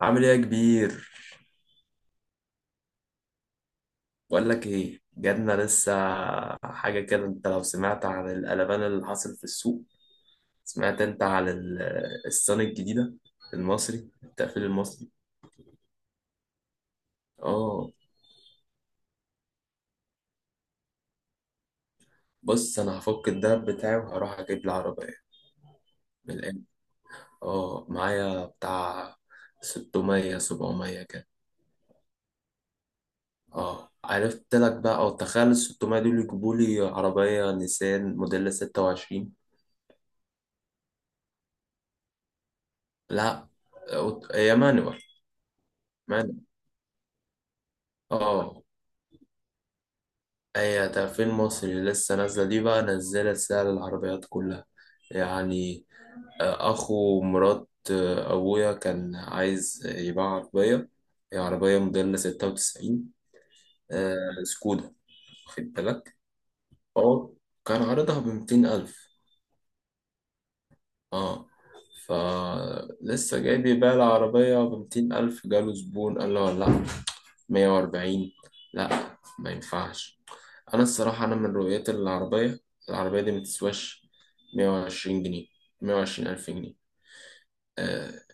عامل ايه يا كبير؟ بقول لك ايه، جاتنا لسه حاجه كده. انت لو سمعت عن القلبان اللي حصل في السوق. سمعت انت عن الصن الجديده المصري، التقفيل المصري. اه، بص انا هفك الدهب بتاعي وهروح اجيب لي عربيه من الان. اه معايا بتاع 600 700 كده. اه، عرفت لك بقى، او تخيل ال 600 دول يجيبوا لي عربيه نيسان موديل 26. لا هي مانوال، مانوال. اه هي ده فيلم مصري، لسه نازلة دي بقى، نزلت سعر العربيات كلها يعني. أخو مرات، أبويا كان عايز يباع عربية، هي عربية موديل ستة وتسعين. آه، سكودا، واخد بالك. هو كان عرضها بميتين ألف. اه، فلسه جاي بيبيع العربية بميتين ألف، جاله زبون قال له لا، مية وأربعين. لا ما ينفعش، انا الصراحه من رؤيتي العربيه، العربيه دي متسواش 120 جنيه، 120 الف جنيه. أه.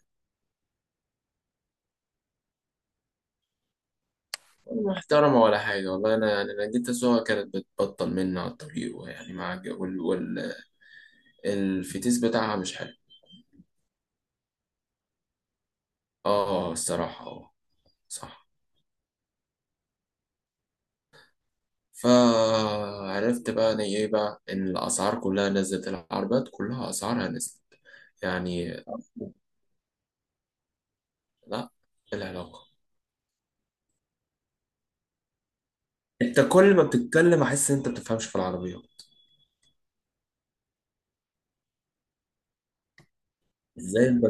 محترمه ولا حاجه، والله انا يعني انا جيت اسوقها كانت بتبطل مني على الطريق، ويعني مع الج- وال وال الفتيس بتاعها مش حلو. اه الصراحه، اه، صح. فعرفت بقى انا ايه بقى، ان الاسعار كلها نزلت، العربيات كلها اسعارها نزلت يعني. لا، إيه العلاقه؟ انت كل ما بتتكلم احس ان انت بتفهمش في العربيه. ازاي انت؟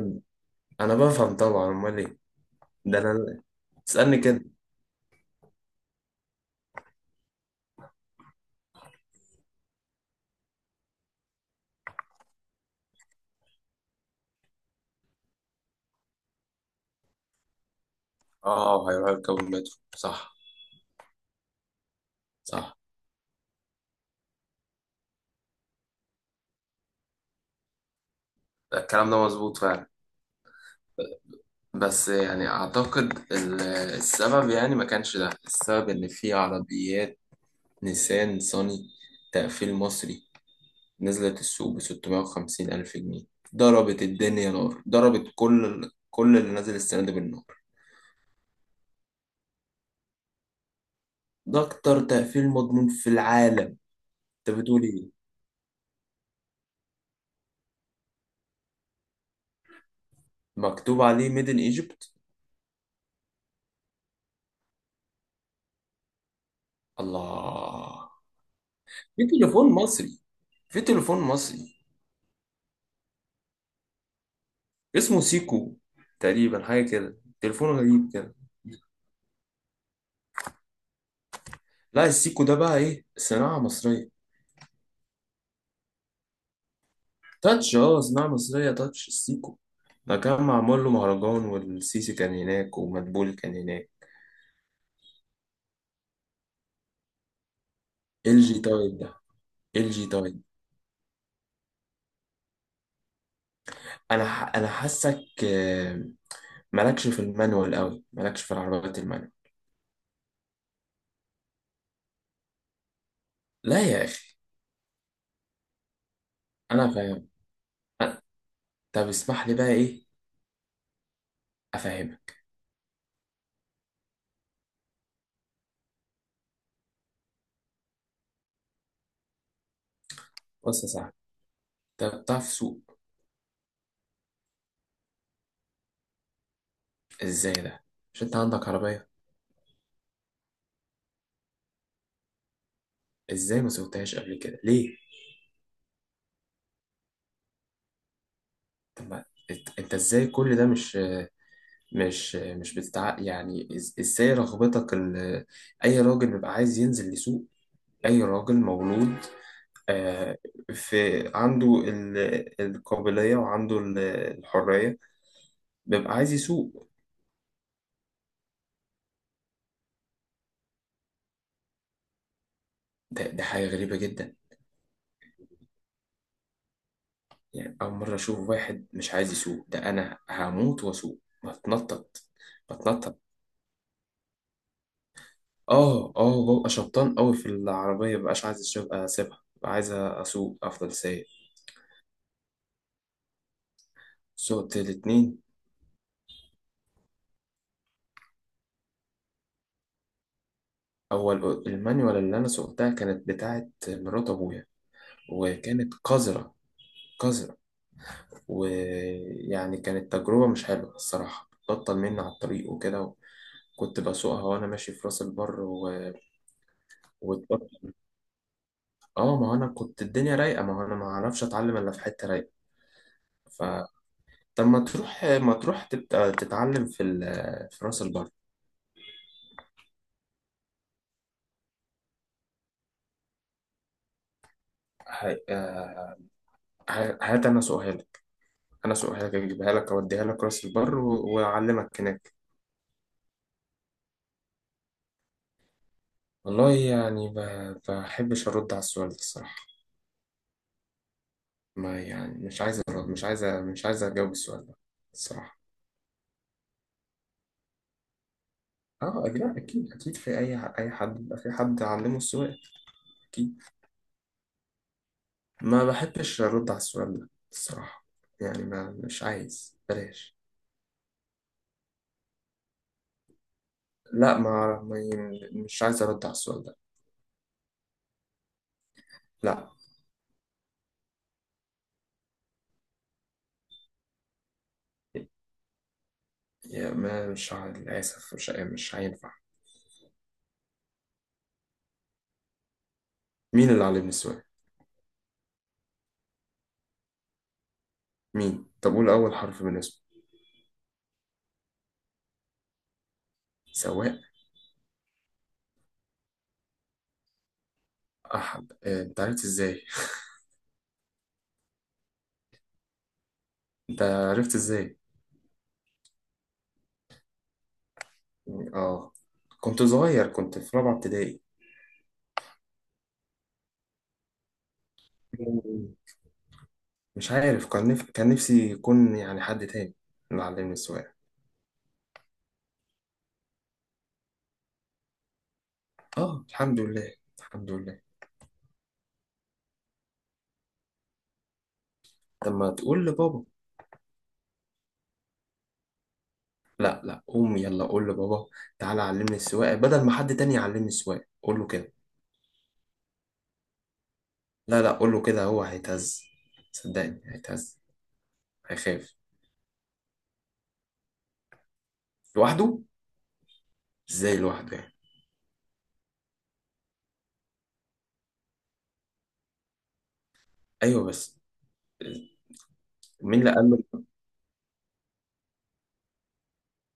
انا بفهم طبعا، امال ايه، ده انا تسالني كده! اه هيروح يركب المترو، صح، صح، الكلام ده مظبوط فعلا. بس يعني اعتقد السبب يعني، ما كانش ده السبب ان في عربيات نيسان صني، تقفيل مصري، نزلت السوق ب 650 الف جنيه، ضربت الدنيا نار، ضربت كل اللي نزل السنه دي بالنار. ده اكتر تقفيل مضمون في العالم. انت بتقول ايه؟ مكتوب عليه ميدن ايجيبت. الله! في تليفون مصري، في تليفون مصري اسمه سيكو. تقريبا حاجة كده، تليفون غريب كده. لا السيكو ده بقى ايه، صناعة مصرية. تاتش اه، صناعة مصرية، تاتش السيكو ده، كان معمول له مهرجان والسيسي كان هناك ومدبولي كان هناك. ال جي تايب ده، ال جي تايب. انا حاسك مالكش في المانوال قوي، مالكش في العربيات المانوال. لا يا اخي، انا فاهم. أنا- طب اسمح لي بقى ايه، افهمك. بص يا صاحبي، انت بتعرف تسوق؟ ازاي ده؟ مش انت عندك عربية؟ ازاي ما سويتهاش قبل كده، ليه؟ طب ما، انت ازاي كل ده؟ مش بتتع يعني، ازاي رغبتك اي راجل بيبقى عايز ينزل يسوق، اي راجل مولود آه، في عنده القابلية، وعنده الحرية، بيبقى عايز يسوق. ده حاجة غريبة جدا يعني، أول مرة أشوف واحد مش عايز يسوق. ده أنا هموت وأسوق. بتنطط، بتنطط. اه اه، ببقى شبطان قوي في العربية، مبقاش عايز اسيبها، ببقى عايز اسوق، افضل سايق. سوقت الاتنين. اول المانيوال اللي انا سوقتها كانت بتاعة مرات ابويا، وكانت قذرة، قذرة. ويعني كانت تجربة مش حلوة الصراحة، بطل مني على الطريق وكده. كنت بسوقها وانا ماشي في راس البر واتبطل. اه ما هو انا كنت الدنيا رايقة، ما هو انا ما اعرفش اتعلم الا في حتة رايقة. ف طب ما تروح تبقى تتعلم في في راس البر. ه- آه، هات انا سؤالك، انا سؤالك اجيبها لك، اوديها لك راس البر واعلمك هناك. والله يعني، بحبش ارد على السؤال ده الصراحه. ما يعني مش عايز أرد، مش عايز اجاوب السؤال ده الصراحه. اه أكيد أكيد أكيد، في أي حد بيبقى في حد علمه السؤال. أكيد. ما بحبش أرد على السؤال ده الصراحة. يعني ما مش عايز، بلاش. لا مش عايز أرد على السؤال ده. لا. يا ما مش عا- للأسف مش هينفع. مين اللي علمني السواقة؟ مين؟ طب قول أول حرف من اسمه. سواق أحمد. أنت عرفت إزاي؟ أنت عرفت إزاي؟ آه. كنت صغير، كنت في رابعة ابتدائي. مش عارف، كان نفسي يكون يعني حد تاني اللي علمني السواقة. آه الحمد لله، الحمد لله. لما تقول لبابا، لا لا، قوم يلا قول لبابا تعالى علمني السواقة بدل ما حد تاني يعلمني السواقة، قول له كده، لا لا قول له كده، هو هيتهز، صدقني هيتهز، هيخاف. لوحده؟ إزاي لوحده يعني؟ ايوه بس مين اللي قال له؟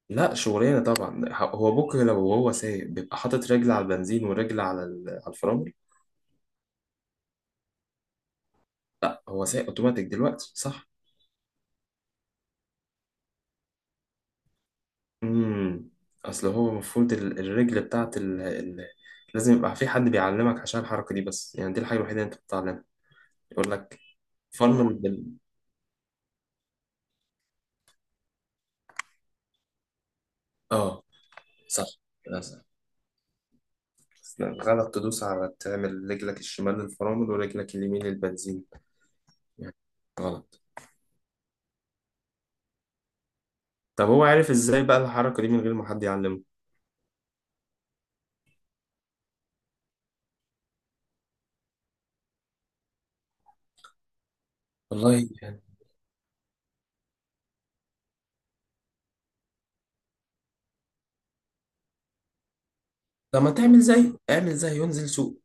لا شغلانه طبعا. هو بكره لو هو سايق، بيبقى حاطط رجل على البنزين ورجل على على الفرامل. لا هو سايق اوتوماتيك دلوقتي، صح. امم. اصل هو المفروض الرجل بتاعت لازم يبقى في حد بيعلمك عشان الحركه دي بس يعني، دي الحاجه الوحيده اللي انت بتتعلمها، يقول لك فرمل اه، صح، للاسف. غلط، تدوس على، تعمل رجلك الشمال للفرامل ورجلك اليمين للبنزين يعني، غلط. طب هو عارف ازاي بقى الحركه دي من غير ما حد يعلمه؟ والله يعني لما تعمل زي، اعمل زي، ينزل سوق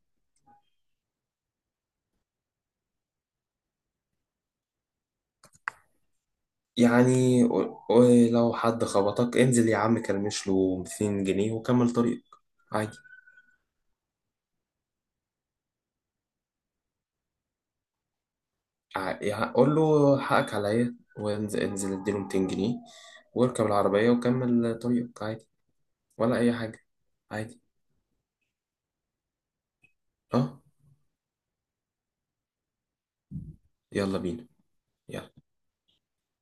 يعني. ولو حد خبطك، انزل يا عم كلمش له 200 جنيه وكمل طريقك عادي. يعني قول له حقك عليا، وانزل، انزل اديله 200 جنيه واركب العربية وكمل طريقك عادي، ولا أي حاجة، عادي. اه يلا بينا.